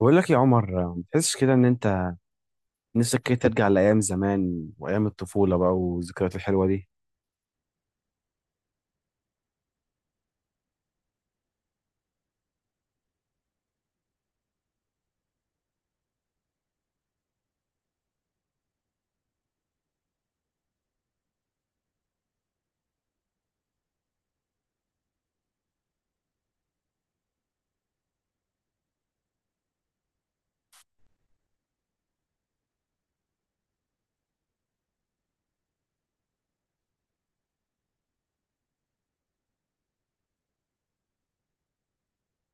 بقول لك يا عمر، ما تحسش كده ان انت نفسك كده ترجع لايام زمان وايام الطفوله بقى والذكريات الحلوه دي.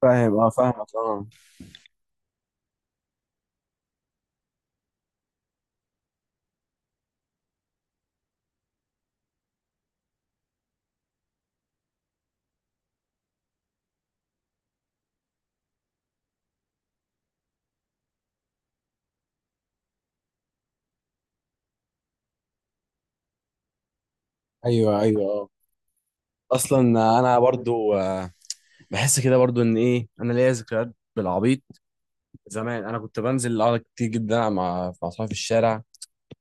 فاهم، اه، فاهمك اه. ايوه ايوه اه. اصلا انا برضو بحس كده برضو ان ايه، انا ليا ذكريات بالعبيط. زمان انا كنت بنزل اقعد كتير جدا مع اصحابي في الشارع.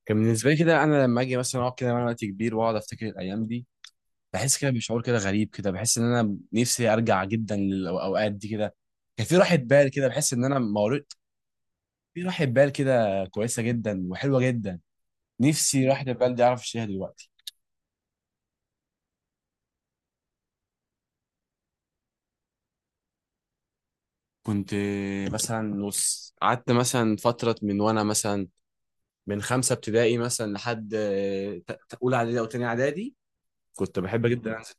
كان بالنسبه لي كده، انا لما اجي مثلا اقعد كده وانا وقت كبير واقعد افتكر الايام دي، بحس كده بشعور كده غريب، كده بحس ان انا نفسي ارجع جدا للاوقات دي كده. كان في راحه بال كده، بحس ان انا في راحة بال كده كويسة جدا وحلوة جدا. نفسي راحة البال دي أعرف أشتريها دلوقتي. كنت مثلا نص قعدت مثلا فترة من وأنا مثلا من خمسة ابتدائي مثلا لحد أولى إعدادي أو تانية إعدادي. كنت بحب جدا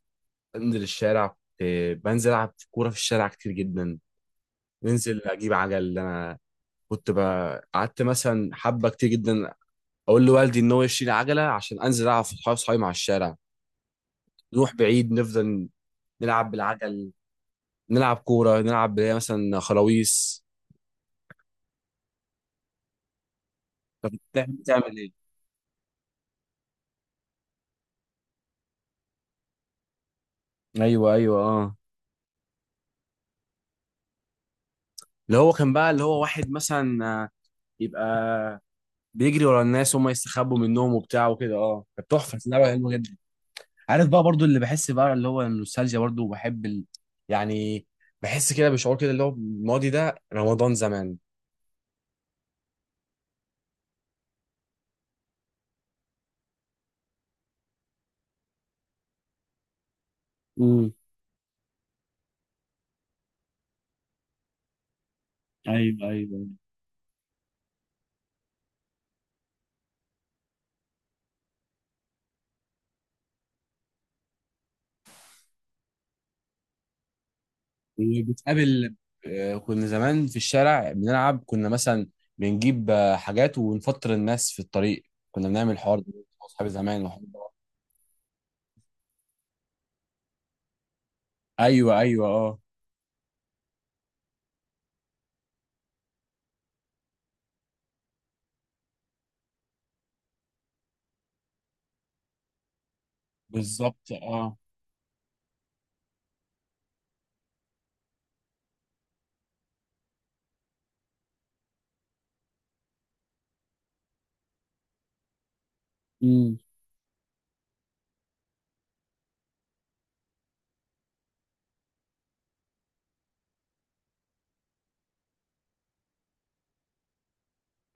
أنزل الشارع. كنت بنزل ألعب كورة في الشارع كتير جدا. ننزل أجيب عجل. أنا كنت قعدت مثلا حبة كتير جدا أقول لوالدي إن هو يشتري عجلة عشان أنزل ألعب في صحابي مع الشارع. نروح بعيد، نفضل نلعب بالعجل، نلعب كورة، نلعب اللي هي مثلا خلاويص. تعمل ايه؟ ايوه ايوه اه. اللي هو كان بقى اللي هو واحد مثلا، يبقى بيجري ورا الناس، هم يستخبوا منهم وبتاع وكده. اه كانت تحفة، كانت لعبة حلوة جدا. عارف بقى برضو، اللي بحس بقى اللي هو النوستالجيا، برضو بحب يعني بحس كده بشعور كده اللي هو الماضي ده، رمضان زمان. امم. ايوه ايوه. وبتقابل، كنا زمان في الشارع بنلعب، كنا مثلا بنجيب حاجات ونفطر الناس في الطريق. كنا بنعمل الحوار ده مع اصحابي زمان، وحوار ده. ايوه ايوه اه. بالظبط اه.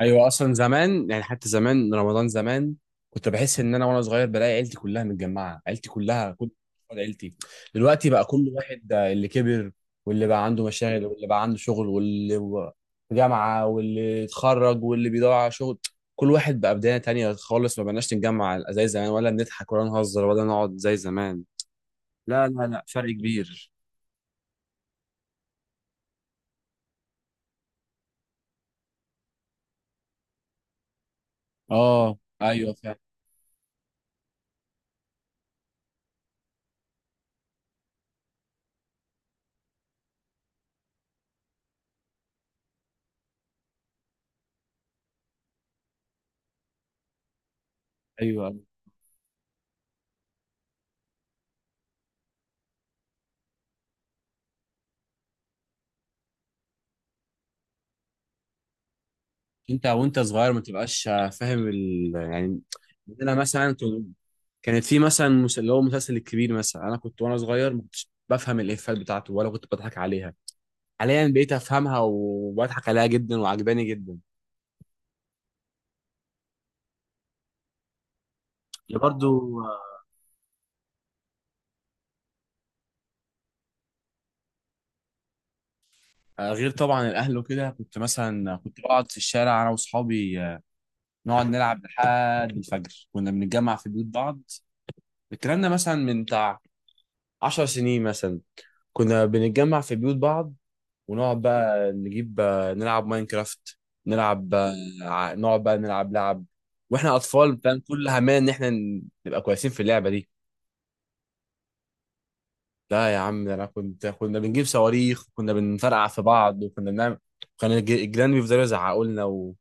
ايوه اصلا زمان يعني، حتى زمان رمضان زمان كنت بحس ان انا وانا صغير بلاقي عيلتي كلها متجمعه، عيلتي كلها، كل أفراد عيلتي. دلوقتي بقى كل واحد، اللي كبر، واللي بقى عنده مشاغل، واللي بقى عنده شغل، في جامعه، واللي اتخرج، واللي بيدور على شغل. كل واحد بقى بدايه تانية خالص. ما بقناش نتجمع زي زمان، ولا بنضحك ولا نهزر ولا نقعد زي زمان. لا لا، لا فرق كبير. اه ايوه فعلا. ايوه، أيوة. انت وانت صغير ما تبقاش فاهم يعني. انا مثلا كانت في مثلا اللي هو مسلسل الكبير مثلا، انا كنت وانا صغير ما كنتش بفهم الافيهات بتاعته ولا كنت بضحك عليها. حاليا بقيت افهمها وبضحك عليها جدا وعجباني جدا. اللي برضو، غير طبعا الاهل وكده، كنت مثلا كنت بقعد في الشارع انا واصحابي، نقعد نلعب لحد الفجر. كنا بنتجمع في بيوت بعض. الكلام ده مثلا من بتاع 10 سنين مثلا. كنا بنتجمع في بيوت بعض ونقعد بقى نجيب، نلعب ماينكرافت، نلعب، نقعد بقى نلعب لعب واحنا اطفال. فاهم كل همنا ان احنا نبقى كويسين في اللعبه دي. لا يا عم، ده انا كنت، كنا بنجيب صواريخ، كنا بنفرقع في بعض، وكنا بنعمل، كان الجيران بيفضلوا يزعقوا لنا و...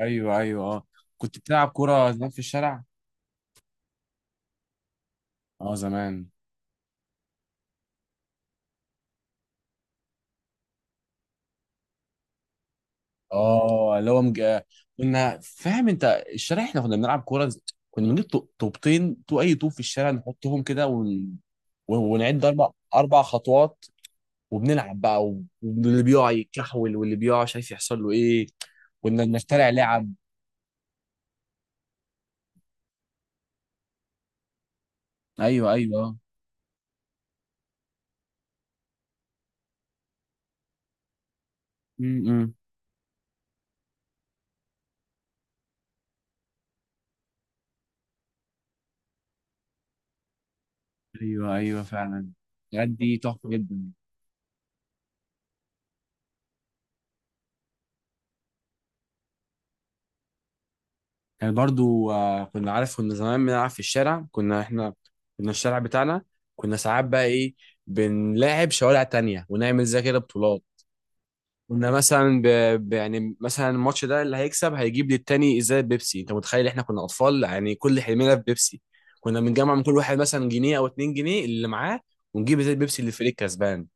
ايوه ايوه اه. كنت بتلعب كوره زمان في الشارع؟ اه زمان. اه اللي هو كنا فاهم انت الشارع، احنا كنا بنلعب كوره. كنا بنجيب طوبتين تو اي طوب في الشارع، نحطهم كده ون... ونعد اربع اربع خطوات، وبنلعب بقى واللي بيقع يتكحول، واللي بيقع مش عارف يحصل له ايه. كنا بنخترع لعب. ايوه ايوه. امم. ايوه ايوه فعلا. الحاجات دي تحفه جدا. يعني برضو، كنا عارف كنا زمان بنلعب في الشارع، كنا احنا كنا الشارع بتاعنا. كنا ساعات بقى ايه، بنلاعب شوارع تانية ونعمل زي كده بطولات. كنا مثلا يعني مثلا الماتش ده اللي هيكسب هيجيب للتاني ازاي بيبسي. انت متخيل؟ احنا كنا اطفال يعني، كل حلمنا في بيبسي. كنا بنجمع من كل واحد مثلا جنيه او اتنين جنيه اللي معاه، ونجيب ازاي بيبسي اللي الفريق كسبان.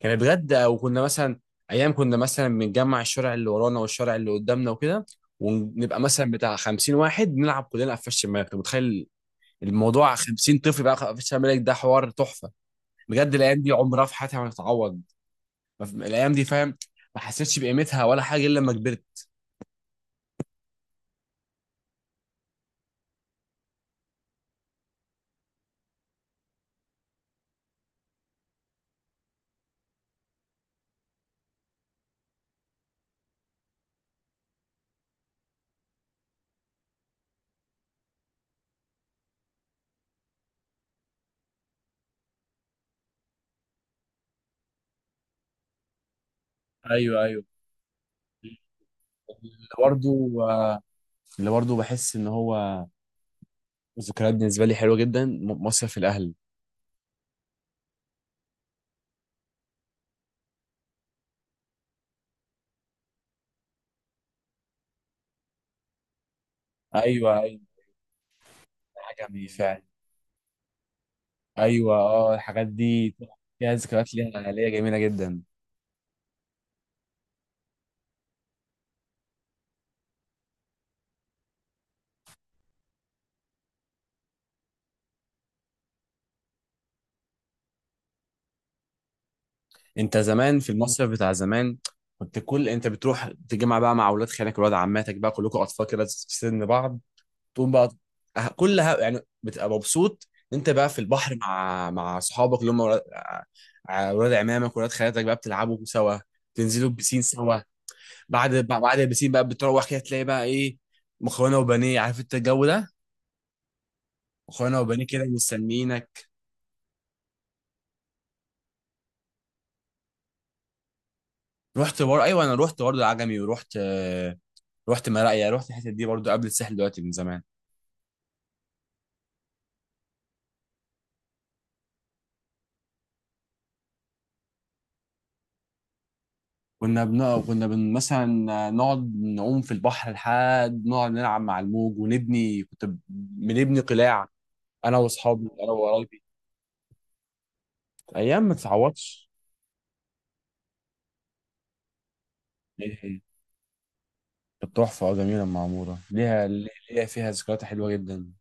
كانت غدا. وكنا مثلا ايام كنا مثلا بنجمع الشارع اللي ورانا والشارع اللي قدامنا وكده، ونبقى مثلا بتاع 50 واحد نلعب كلنا قفش شماغ. انت متخيل الموضوع؟ 50 طفل بقى قفش شماغ، ده حوار تحفه. بجد الايام دي عمرها في حياتي ما هتتعوض. ما في- الايام دي، فاهم، ما حسيتش بقيمتها ولا حاجه الا لما كبرت. ايوه ايوه. اللي برضه، اللي برضه بحس ان هو ذكريات بالنسبه لي حلوه جدا، مصيف الاهل. ايوه ايوه. حاجه جميله فعلا. ايوه اه، الحاجات دي فيها ذكريات ليها، ليا جميله جدا. انت زمان في المصيف بتاع زمان كنت كل انت بتروح تجمع بقى مع اولاد خالك ولاد عماتك بقى، كلكم اطفال كده في سن بعض. تقوم بقى كلها يعني بتبقى مبسوط، انت بقى في البحر مع صحابك اللي هم ولاد، ولاد عمامك ولاد خالاتك بقى، بتلعبوا سوا، تنزلوا البسين سوا. بعد البسين بقى بتروح كده تلاقي بقى ايه، مكرونه وبانيه. عارف انت الجو ده، مكرونه وبانيه كده مستنيينك. ايوه انا رحت برضه العجمي، ورحت، رحت مراقيا، رحت الحتت دي برضه قبل الساحل دلوقتي، من زمان. مثلا نقعد نعوم في البحر لحد، نقعد نلعب مع الموج، ونبني، كنت بنبني قلاع انا واصحابي انا وقرايبي. ايام ما تتعوضش. إيه، إيه. كانت تحفه اه، جميله معموره، ليها، ليها فيها ذكريات حلوه جدا.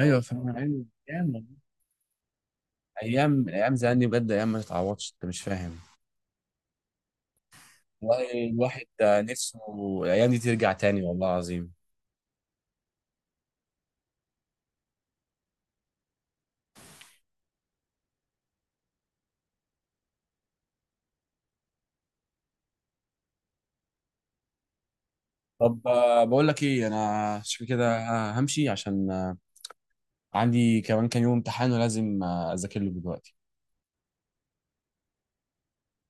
ايوه فاهم. ايوه ايام والله. ايام، ايام زمان دي بجد ايام ما تتعوضش، انت مش فاهم. والله الواحد ده نفسه الايام دي ترجع تاني والله العظيم. طب، بقول لك ايه، انا شوف كده، همشي عشان، عندي كمان كام يوم امتحان ولازم، اذاكر له دلوقتي.